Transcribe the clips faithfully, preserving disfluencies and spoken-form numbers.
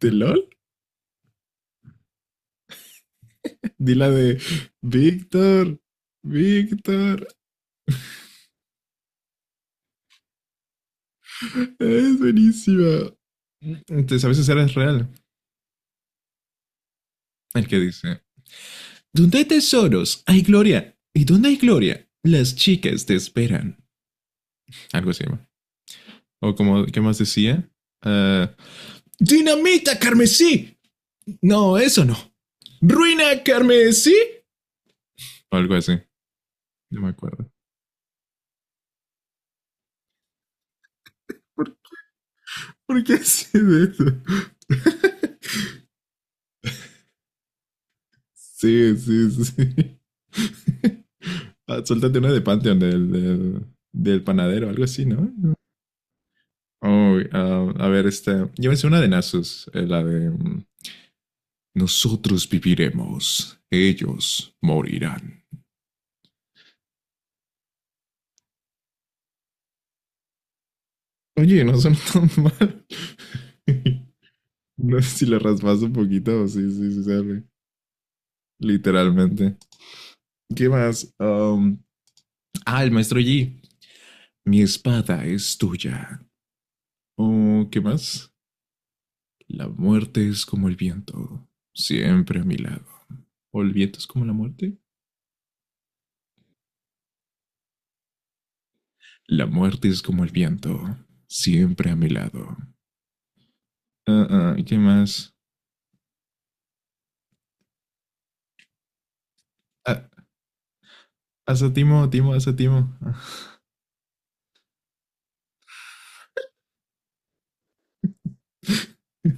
¿De LOL? Di la de Víctor, Víctor. Es buenísima. Entonces a veces eres real. El que dice, ¿dónde hay tesoros? Hay gloria. ¿Y dónde hay gloria? Las chicas te esperan. Algo así, ¿no? O como, ¿qué más decía? Eh, Dinamita carmesí. No, eso no. Ruina carmesí. O algo así. No me acuerdo. ¿Por, ¿Por qué hace eso? Sí, sí, sí. Ah, suéltate una de Pantheon del, del, del panadero, algo así, ¿no? Oh, ah, a ver, este. Llévense una de Nasus, eh, la de. mm, Nosotros viviremos, ellos morirán. Oye, no son tan mal. No sé si le raspas un poquito, sí, sí, sí, sale. Literalmente. ¿Qué más? Um, ah, el maestro Yi. Mi espada es tuya. Oh, ¿qué más? La muerte es como el viento, siempre a mi lado. ¿O el viento es como la muerte? La muerte es como el viento, siempre a mi lado. Ah, ah, ¿qué más? Ah, asa Timo, Timo, asa Timo.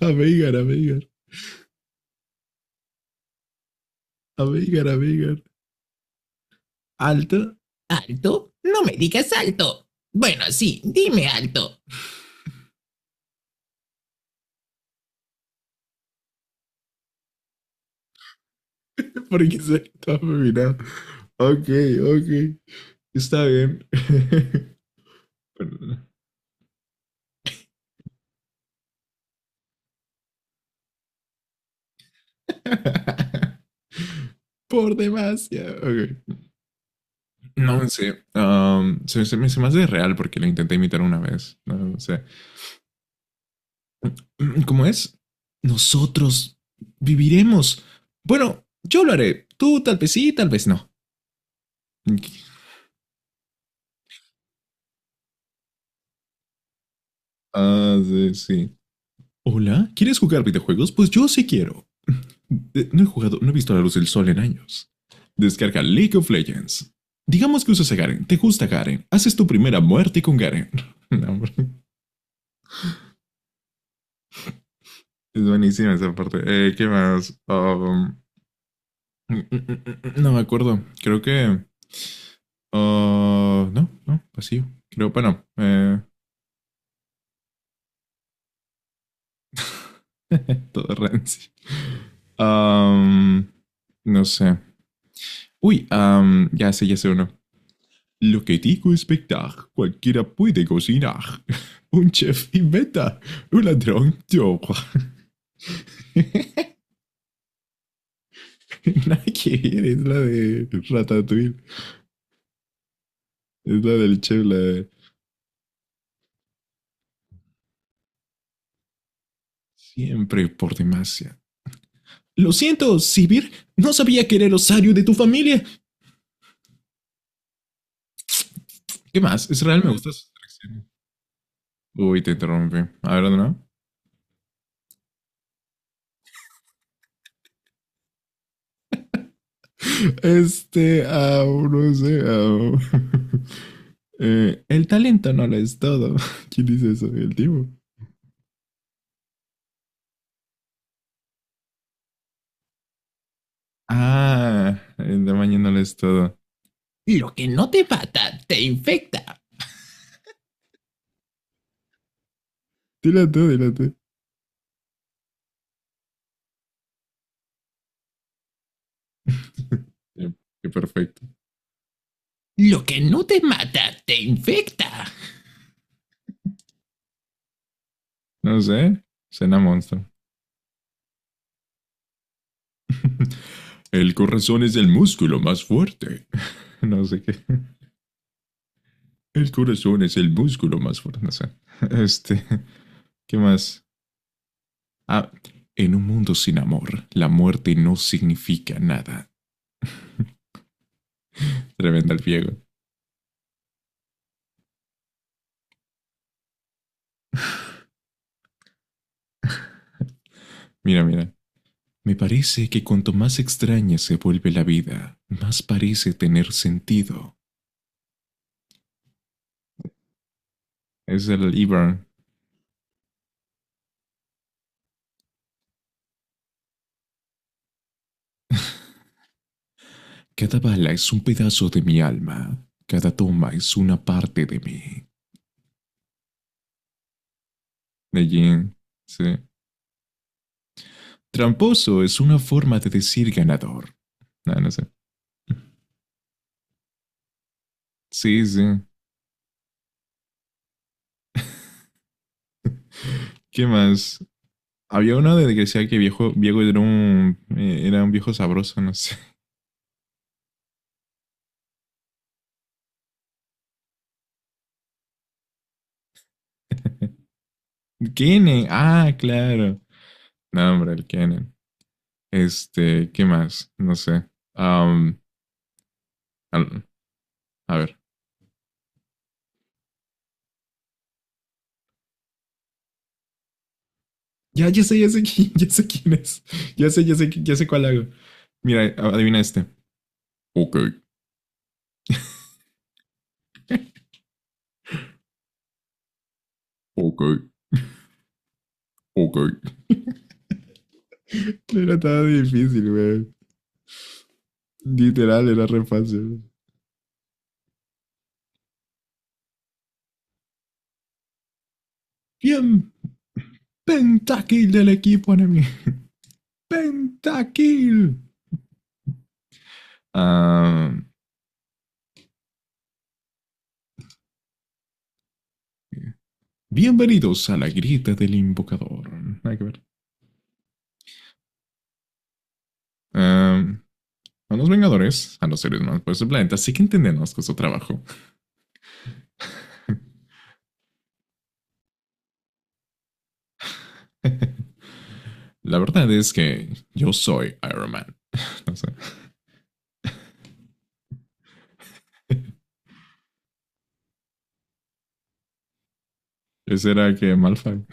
A Veigar, a Veigar, a Veigar, a Veigar. ¿Alto? ¿Alto? No me digas alto. Bueno, sí, dime alto. Porque se está mirando. Ok, ok. Está bien. Por demasiado. Ok. No, sé am, se, se me, se me hace real porque lo intenté imitar una vez. No, no sé. Mm, ¿Cómo es? Nosotros viviremos. Bueno, yo lo haré. Tú tal vez sí, tal vez no. Ah, sí, sí. Hola, ¿quieres jugar videojuegos? Pues yo sí quiero. Eh, No he jugado, no he visto la luz del sol en años. Descarga League of Legends. Digamos que usas a Garen, te gusta Garen, haces tu primera muerte con Garen. No, hombre. Es buenísima esa parte. Eh, ¿Qué más? Um, Mm, mm, mm, mm, mm, No me acuerdo. Creo que. Ah, no, no, vacío. Creo, bueno, eh, todo rancio. Am, no sé. Uy, am, ya sé, ya sé uno. Lo que digo es verdad. Cualquiera puede cocinar. Un chef inventa. Un ladrón roba. Nada que ver, es la de Ratatouille. Es la del chef, la de... Siempre por demasiado. Lo siento, Sibir. No sabía que era el osario de tu familia. ¿Qué más? Israel me gusta su atracción. Uy, te interrumpí. A ver, ¿no? Este, au, no sé, au. Eh, el talento no lo es todo. ¿Quién dice eso? El tipo. Ah, el tamaño no lo es todo. Lo que no te mata, te infecta. Dile tú, dile tú. Sí, qué perfecto. Lo que no te mata, te infecta. No sé. Cena monstruo. El corazón es el músculo más fuerte. No sé qué. El corazón es el músculo más fuerte. No sé. Este, ¿qué más? Ah, en un mundo sin amor, la muerte no significa nada. Tremenda el viejo. Mira, mira. Me parece que cuanto más extraña se vuelve la vida, más parece tener sentido. Es el Ibar. Cada bala es un pedazo de mi alma. Cada toma es una parte de mí. De Jin. Sí. Tramposo es una forma de decir ganador. No, no sé. Sí, sí. ¿Qué más? Había uno de que decía que viejo, viejo era un, eh, era un viejo sabroso, no sé. Kenen, ah, claro. No, hombre, el Kenen. Este, ¿qué más? No sé. Am, al- a ver. Ya, ya sé, ya sé, qui- ya sé quién es. Ya sé, ya sé, qui- ya sé cuál hago. Mira, a- adivina este. Ok, ok, ok. No era tan difícil, güey. Literal, era re fácil. Bien, pentakill del equipo enemigo. Pentakill. Ah, bienvenidos a la grieta del invocador. Hay que ver. Am, a los Vengadores, a los seres más poderosos del planeta, sí que entendemos que es su trabajo. La verdad es que yo soy Iron Man. O sea, ese era que Malfoy.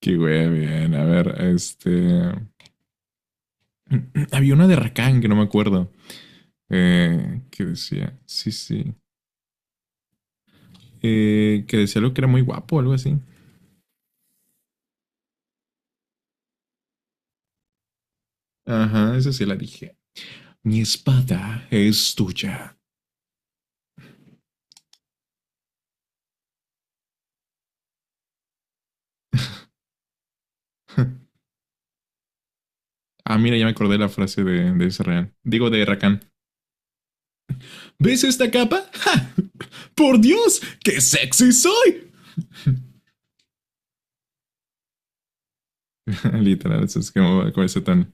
Que güey, bien. A ver, este. Había una de Rakan que no me acuerdo. eh, que decía. Sí, sí. eh, que decía algo que era muy guapo, o algo así. Ajá, esa sí la dije. Mi espada es tuya. Ah, mira, ya me acordé la frase de, de Israel. Digo, de Rakan. ¿Ves esta capa? ¡Ja! ¡Por Dios! ¡Qué sexy soy! Literal, eso es como con ese tono.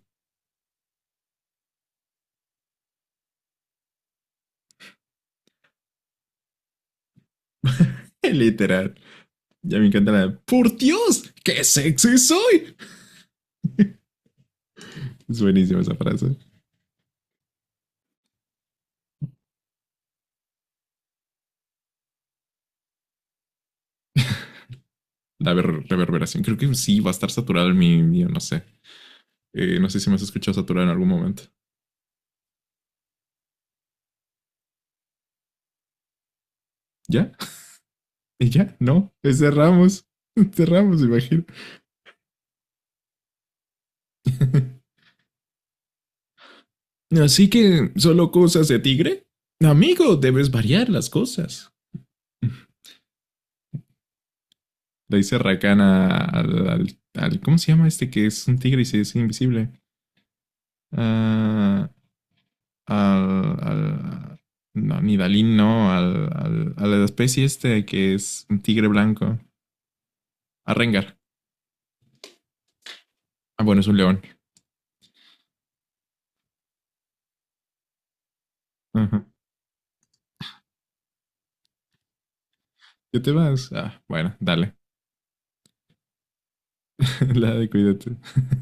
Literal. Ya me encanta la ¡Por Dios! ¡Qué sexy soy! Es buenísima esa frase. La ver- reverberación. Creo que sí, va a estar saturado el mi mío, no sé. Eh, no sé si me has escuchado saturado en algún momento. ¿Ya? ¿Y ya? No. Cerramos. Cerramos. Imagino. Así que, ¿solo cosas de tigre? Amigo, debes variar las cosas. Le dice Rakana al, al, al- ¿cómo se llama este que es un tigre y se es invisible? Ah, al, al- no, ni Dalín, no. Al, al- a la especie este que es un tigre blanco. A Rengar. Ah, bueno, es un león. Ajá. Uh-huh. ¿Qué te vas? Ah, bueno, dale. La de cuídate.